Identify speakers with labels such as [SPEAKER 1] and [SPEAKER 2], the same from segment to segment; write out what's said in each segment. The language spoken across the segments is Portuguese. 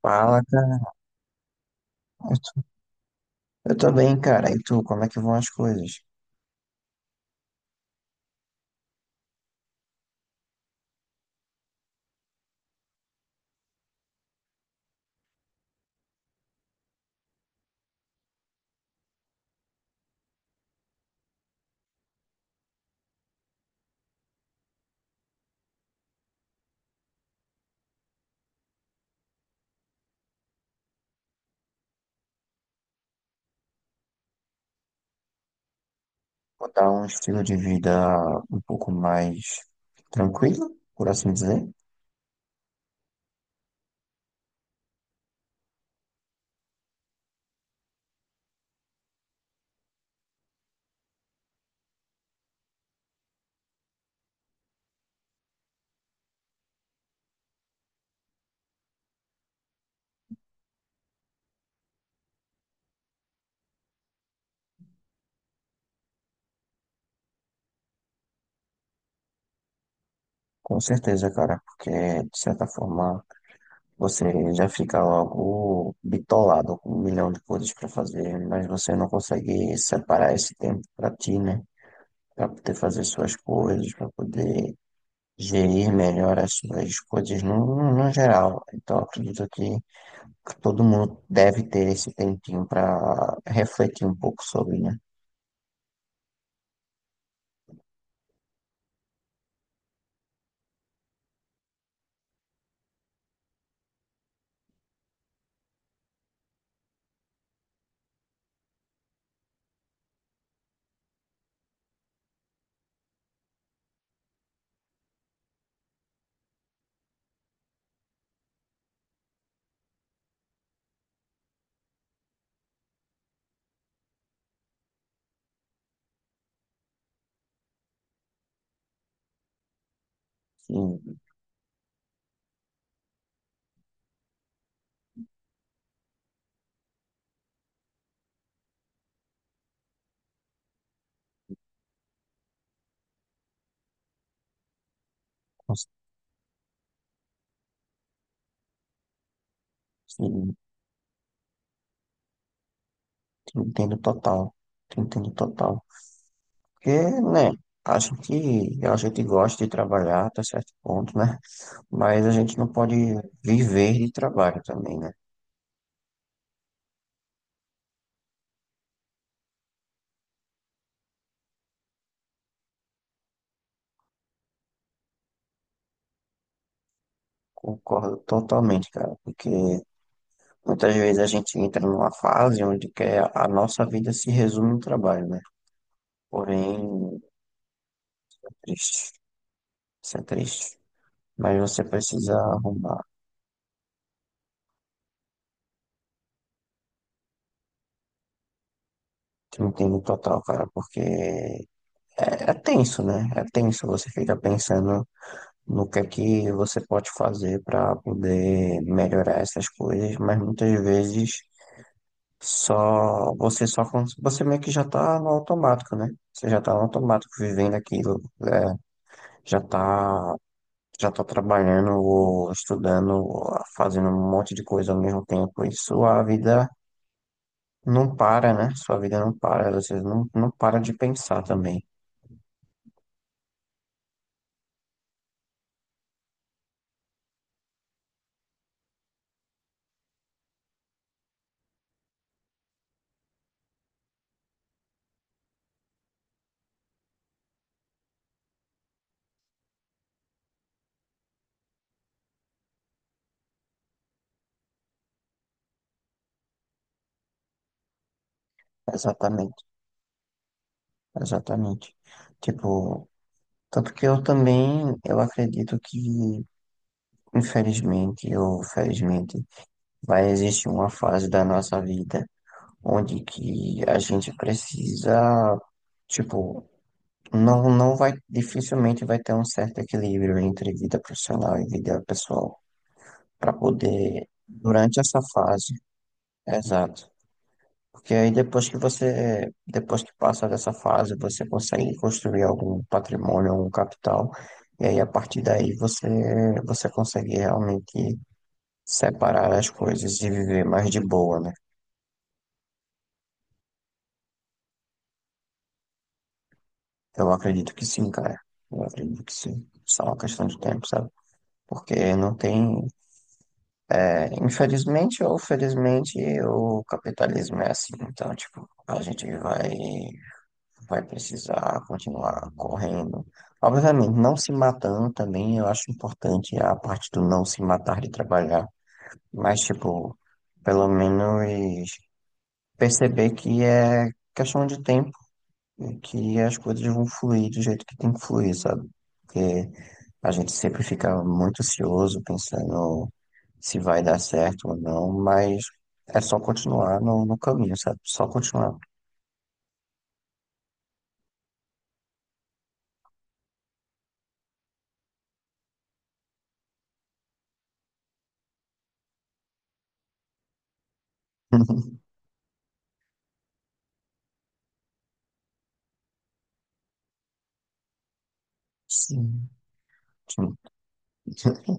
[SPEAKER 1] Fala, cara. Eu tô, eu tô bem, cara. E tu, como é que vão as coisas? Vou dar um estilo de vida um pouco mais tranquilo, por assim dizer. Com certeza, cara, porque de certa forma você já fica logo bitolado com um milhão de coisas pra fazer, mas você não consegue separar esse tempo pra ti, né? Pra poder fazer suas coisas, pra poder gerir melhor as suas coisas no geral. Então, eu acredito que todo mundo deve ter esse tempinho para refletir um pouco sobre, né? Sim, cons- sim, te entendo total. Te entendo total. Porque, né, acho que a gente gosta de trabalhar até certo ponto, né? Mas a gente não pode viver de trabalho também, né? Concordo totalmente, cara, porque muitas vezes a gente entra numa fase onde quer a nossa vida se resume no trabalho, né? Porém, triste, isso é triste. Mas você precisa arrumar. Te entendo total, cara, porque é, é tenso, né? É tenso, você fica pensando no que é que você pode fazer para poder melhorar essas coisas, mas muitas vezes só você só cons- você meio que já tá no automático, né? Você já tá no automático vivendo aquilo, é, já tá já tá trabalhando ou estudando, ou fazendo um monte de coisa ao mesmo tempo, e sua vida não para, né? Sua vida não para, você não para de pensar também. Exatamente, exatamente. Tipo, tanto que eu também, eu acredito que, infelizmente ou felizmente, vai existir uma fase da nossa vida onde que a gente precisa, tipo, não vai, dificilmente vai ter um certo equilíbrio entre vida profissional e vida pessoal, para poder, durante essa fase, exato. Porque aí depois que você, depois que passa dessa fase, você consegue construir algum patrimônio, algum capital, e aí a partir daí você consegue realmente separar as coisas e viver mais de boa, né? Eu acredito que sim, cara. Eu acredito que sim. Só uma questão de tempo, sabe? Porque não tem, é, infelizmente ou felizmente, o capitalismo é assim. Então, tipo, a gente vai precisar continuar correndo. Obviamente, não se matando também, eu acho importante a parte do não se matar de trabalhar, mas, tipo, pelo menos perceber que é questão de tempo e que as coisas vão fluir do jeito que tem que fluir, sabe? Porque a gente sempre fica muito ansioso pensando se vai dar certo ou não, mas é só continuar no caminho, sabe? Só continuar. Sim. Sim.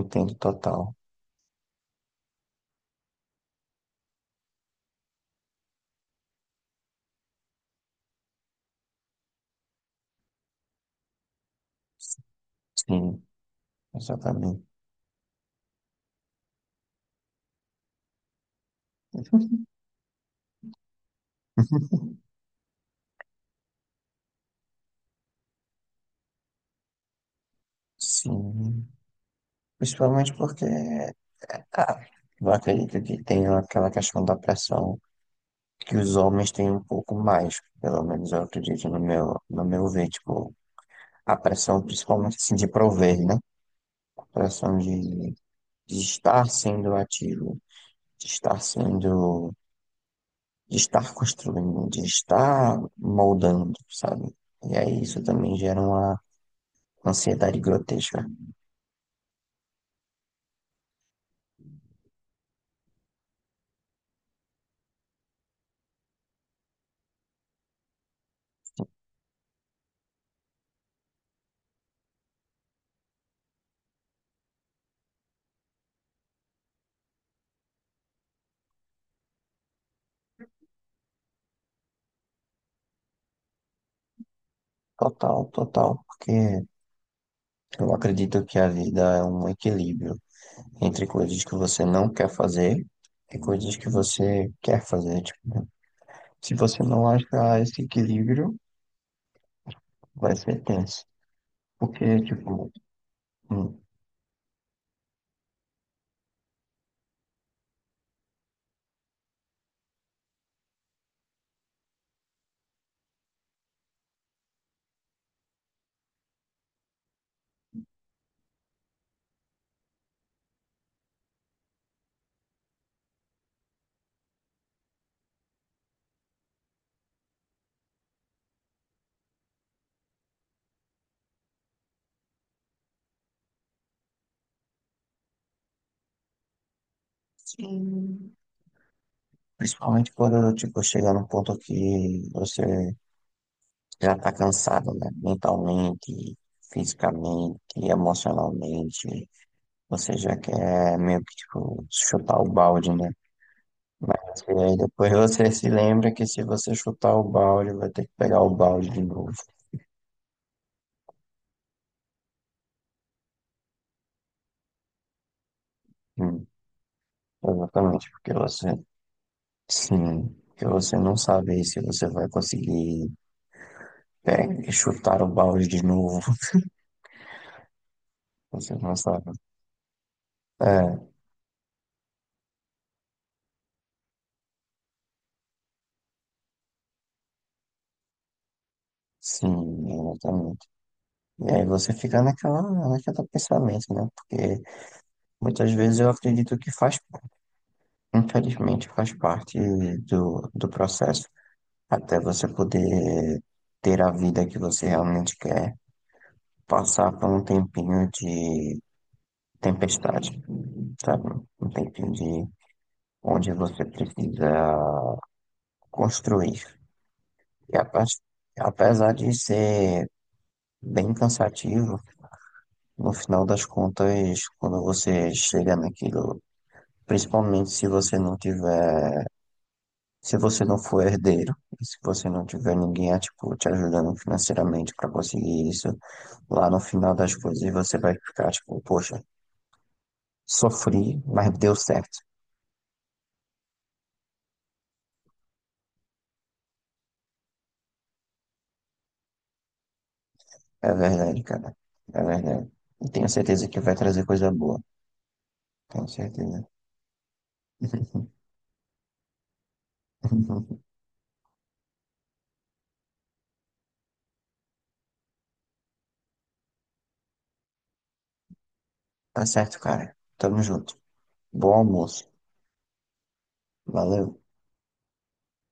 [SPEAKER 1] Entendo total. Sim, exatamente. Sim. Principalmente porque, é, ah, eu acredito que tem aquela questão da pressão que os homens têm um pouco mais, pelo menos eu acredito no meu, no meu ver, tipo, a pressão principalmente assim, de prover, né? A pressão de estar sendo ativo, de estar sendo, de estar construindo, de estar moldando, sabe? E aí isso também gera uma ansiedade grotesca. Total, total. Porque eu acredito que a vida é um equilíbrio entre coisas que você não quer fazer e coisas que você quer fazer. Tipo, né? Se você não achar esse equilíbrio, vai ser tenso. Porque, tipo, hum, sim. Principalmente quando, tipo, chegar num ponto que você já tá cansado, né? Mentalmente, fisicamente, emocionalmente. Você já quer meio que, tipo, chutar o balde, né? Mas e aí depois você se lembra que se você chutar o balde, vai ter que pegar o balde de novo. Hum, exatamente, porque sim, porque você não sabe se você vai conseguir chutar o balde de novo. Você não sabe. É, sim, exatamente. E aí você fica naquela, naquela pensamento, né? Porque muitas vezes eu acredito que faz, infelizmente, faz parte do processo, até você poder ter a vida que você realmente quer. Passar por um tempinho de tempestade, sabe? Um tempinho de onde você precisa construir. E a parte, apesar de ser bem cansativo, no final das contas, quando você chega naquilo, principalmente se você não tiver, se você não for herdeiro, e se você não tiver ninguém é, tipo, te ajudando financeiramente para conseguir isso, lá no final das coisas você vai ficar tipo, poxa, sofri, mas deu certo. É verdade, cara. É verdade. E tenho certeza que vai trazer coisa boa. Tenho certeza. Tá certo, cara. Tamo junto. Bom almoço. Valeu.